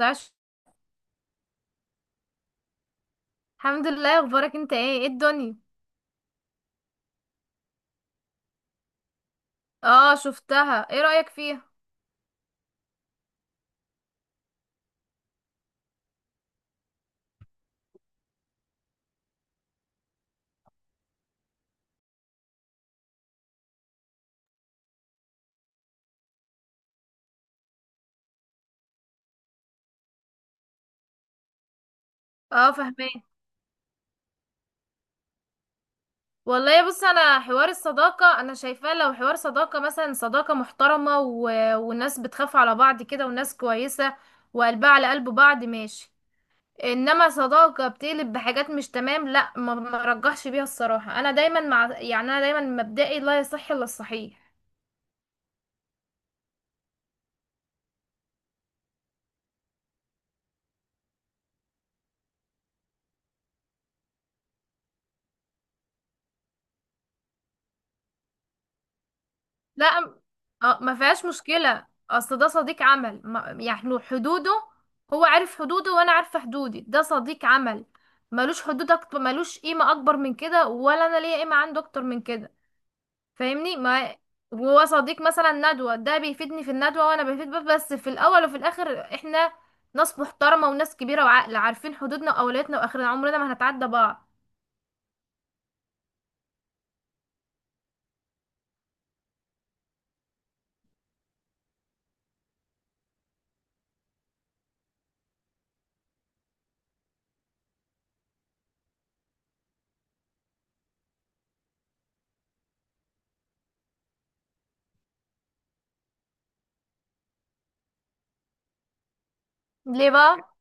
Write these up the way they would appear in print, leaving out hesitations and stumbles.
عاش. الحمد لله، اخبارك؟ انت ايه؟ ايه الدنيا؟ اه شفتها. ايه رأيك فيها؟ اه فهمان. والله بص، انا حوار الصداقة انا شايفاه لو حوار صداقة مثلا، صداقة محترمة والناس بتخاف على بعض كده، والناس كويسة وقلبها على قلب بعض، ماشي. انما صداقة بتقلب بحاجات مش تمام، لا ما رجحش بيها الصراحة. انا دايما مع، يعني انا دايما مبدئي، لا يصح الا الصحيح. لا م- اه ما فيهاش مشكلة، اصل ده صديق عمل، يعني حدوده هو عارف حدوده وانا عارفة حدودي، ده صديق عمل، ملوش حدود اكتر، ملوش قيمة اكبر من كده، ولا انا ليا قيمة عنده اكتر من كده. فاهمني؟ ما وهو صديق مثلا ندوة، ده بيفيدني في الندوة وانا بفيد بيه، بس في الاول وفي الاخر احنا ناس محترمة وناس كبيرة وعاقلة، عارفين حدودنا واولوياتنا، واخرنا عمرنا ما هنتعدى بعض. ليه بقى؟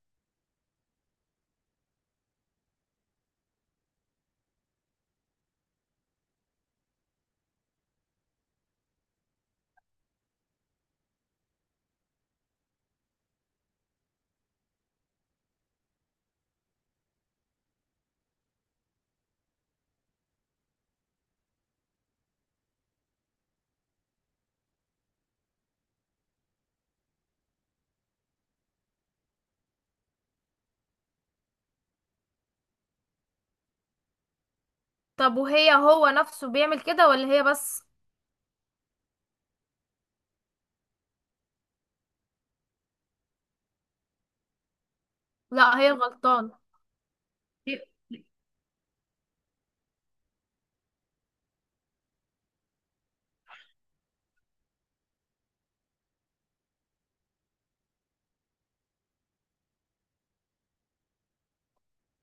طب وهي، هو نفسه بيعمل كده ولا هي بس؟ لا هي الغلطانة.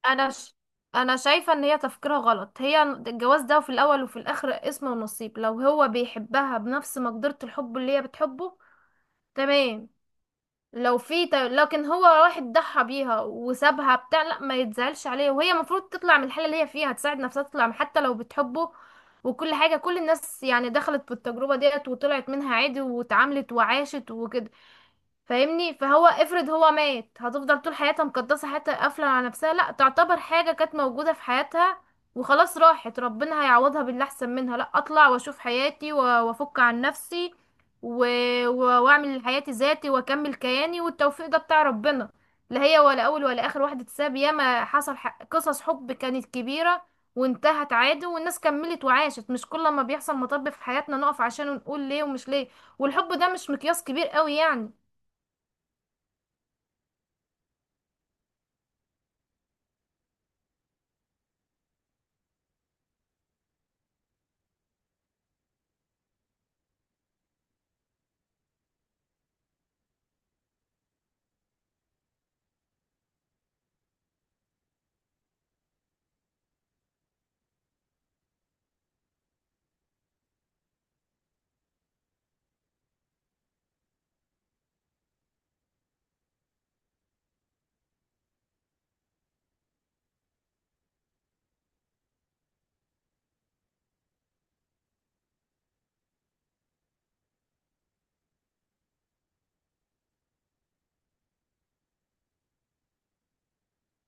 انا ش... انا شايفه ان هي تفكيرها غلط. هي الجواز ده في الاول وفي الاخر اسم ونصيب، لو هو بيحبها بنفس مقدرة الحب اللي هي بتحبه، تمام. لكن هو واحد ضحى بيها وسابها بتاع، لا ما يتزعلش عليها، وهي المفروض تطلع من الحالة اللي هي فيها، تساعد نفسها تطلع حتى لو بتحبه. وكل حاجة، كل الناس يعني دخلت في التجربة ديت وطلعت منها عادي، واتعاملت وعاشت وكده. فاهمني؟ فهو افرض هو مات، هتفضل طول حياتها مقدسة حياتها، قافلة على نفسها؟ لا، تعتبر حاجة كانت موجودة في حياتها وخلاص راحت، ربنا هيعوضها باللي احسن منها. لا، اطلع واشوف حياتي وافك عن نفسي و... واعمل حياتي ذاتي واكمل كياني، والتوفيق ده بتاع ربنا. لا هي ولا اول ولا اخر واحدة تساب، ياما حصل قصص حب كانت كبيرة وانتهت عادي، والناس كملت وعاشت. مش كل ما بيحصل مطب في حياتنا نقف عشان نقول ليه ومش ليه. والحب ده مش مقياس كبير قوي يعني.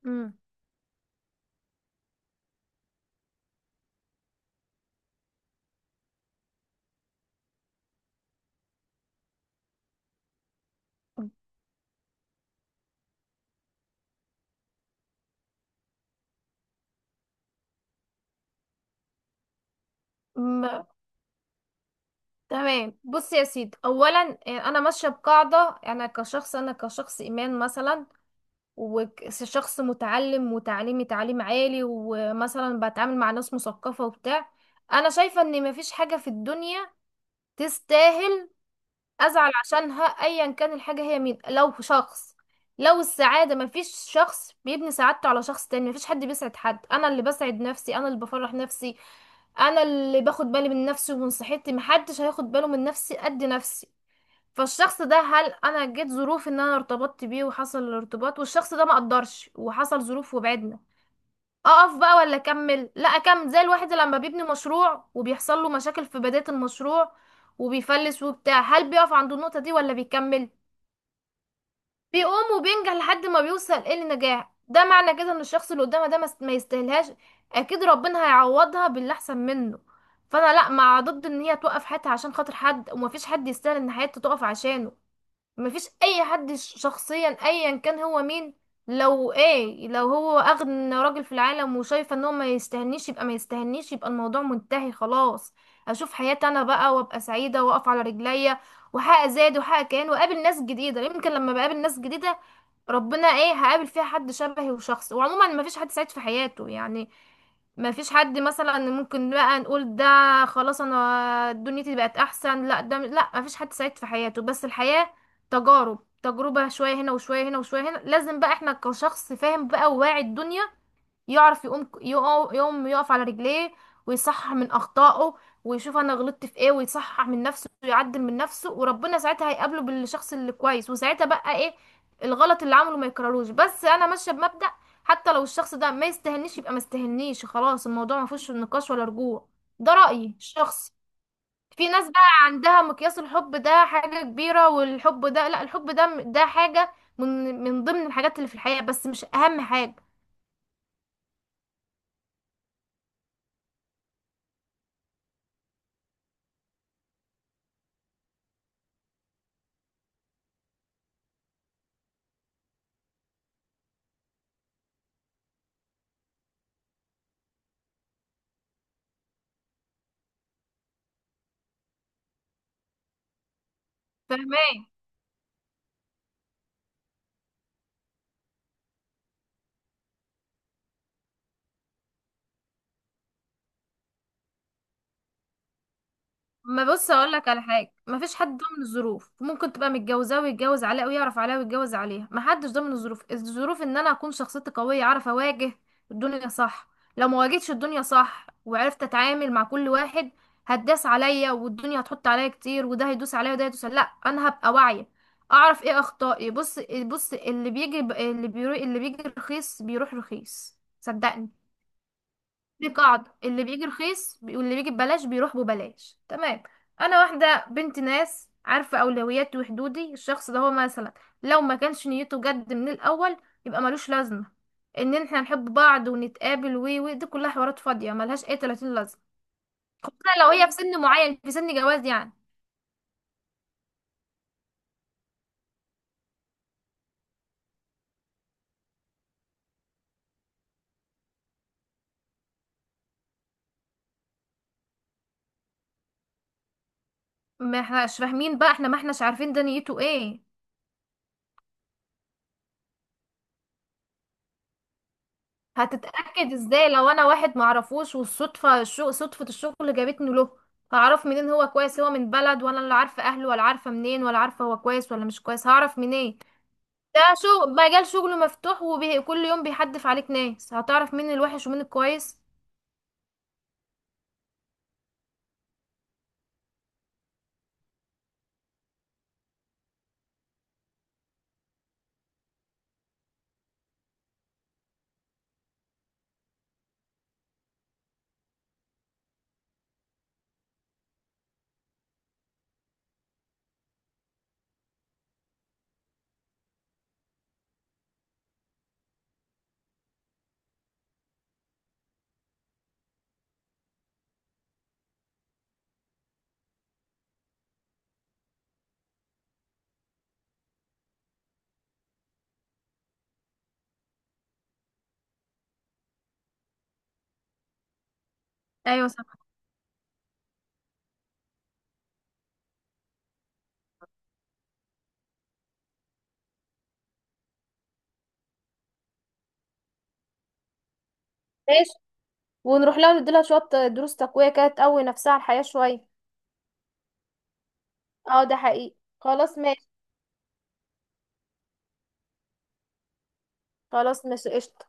مم. م- تمام. بص يا سيدي، اولا انا ماشيه بقاعده، انا كشخص ايمان مثلا، وشخص متعلم وتعليمي تعليم عالي، ومثلا بتعامل مع ناس مثقفه وبتاع. انا شايفه ان مفيش حاجه في الدنيا تستاهل ازعل عشانها، ايا كان الحاجه هي مين. لو شخص، لو السعاده، مفيش شخص بيبني سعادته على شخص تاني. مفيش حد بيسعد حد، انا اللي بسعد نفسي، انا اللي بفرح نفسي، انا اللي باخد بالي من نفسي ومن صحتي. محدش هياخد باله من نفسي قد نفسي. فالشخص ده، هل انا جيت ظروف ان انا ارتبطت بيه وحصل الارتباط، والشخص ده ما قدرش وحصل ظروف وبعدنا، اقف بقى ولا اكمل؟ لا اكمل. زي الواحد لما بيبني مشروع وبيحصل له مشاكل في بداية المشروع وبيفلس وبتاع، هل بيقف عند النقطة دي ولا بيكمل؟ بيقوم وبينجح لحد ما بيوصل ايه، للنجاح. ده معنى كده ان الشخص اللي قدامه ده ما يستاهلهاش، اكيد ربنا هيعوضها باللي احسن منه. فانا لا، مع ضد ان هي توقف حياتها عشان خاطر حد، ومفيش حد يستاهل ان حياته تقف عشانه. مفيش اي حد، شخصيا ايا كان هو مين. لو ايه، لو هو اغنى راجل في العالم وشايفه ان هو ما يستهنيش، يبقى ما يستهنيش، يبقى الموضوع منتهي خلاص. اشوف حياتي انا بقى، وابقى سعيده واقف على رجليا، وحقق زاد وحقق كيان، واقابل ناس جديده. يمكن لما بقابل ناس جديده، ربنا ايه، هقابل فيها حد شبهي وشخص. وعموما مفيش حد سعيد في حياته يعني، ما فيش حد مثلا ممكن بقى نقول ده خلاص انا دنيتي بقت احسن، لا، ده لا، ما فيش حد سعيد في حياته، بس الحياة تجارب. تجربة شوية هنا وشوية هنا وشوية هنا. لازم بقى احنا كشخص فاهم بقى وواعي الدنيا، يعرف يقوم، يقوم يقف على رجليه، ويصحح من أخطائه، ويشوف أنا غلطت في إيه، ويصحح من نفسه ويعدل من نفسه، وربنا ساعتها هيقابله بالشخص اللي كويس، وساعتها بقى إيه، الغلط اللي عمله ما يكرروش. بس أنا ماشية بمبدأ، حتى لو الشخص ده ما يستهنيش يبقى ما يستهنيش، خلاص الموضوع ما فيهوش نقاش ولا رجوع. ده رأيي الشخصي. في ناس بقى عندها مقياس الحب ده حاجة كبيرة. والحب ده لا، الحب ده، ده حاجة من من ضمن الحاجات اللي في الحياة، بس مش أهم حاجة. فاهمة؟ ما بص، اقول لك على حاجه، ما فيش حد ضامن الظروف. ممكن تبقى متجوزاه ويتجوز عليها، ويعرف عليها ويتجوز عليها، ما حدش ضامن الظروف. الظروف ان انا اكون شخصيتي قويه، اعرف اواجه الدنيا صح. لو ما واجهتش الدنيا صح وعرفت اتعامل مع كل واحد، هتداس عليا، والدنيا هتحط عليا كتير، وده هيدوس عليا وده هيدوس عليا. لا، انا هبقى واعيه، اعرف ايه اخطائي. بص، بص، اللي بيجي اللي بيروح، اللي بيجي رخيص بيروح رخيص، صدقني. دي قاعدة، اللي بيجي واللي بيجي ببلاش بيروح ببلاش، تمام. انا واحدة بنت ناس، عارفة اولوياتي وحدودي. الشخص ده هو مثلا لو ما كانش نيته جد من الاول، يبقى ملوش لازمة ان احنا نحب بعض ونتقابل، و دي كلها حوارات فاضية ملهاش اي 30 لازمة، خصوصا لو هي في سن معين، في سن جواز يعني. ما احناش فاهمين بقى، احنا ما احناش عارفين ده نيته ايه. هتتأكد ازاي لو انا واحد معرفوش، والصدفة صدفة الشغل جابتني له؟ هعرف منين هو كويس؟ هو من بلد وانا اللي عارفة اهله، ولا عارفة منين، ولا عارفة هو كويس ولا مش كويس، هعرف منين؟ ده شغل مجال شغله مفتوح، وكل يوم بيحدف عليك ناس، هتعرف مين الوحش ومين الكويس. ايوه صح. ماشي، ونروح لها نديلها شوية دروس تقوية كده، تقوي نفسها على الحياة شوية. اه ده حقيقي. خلاص ماشي. خلاص ماشي، قشطة.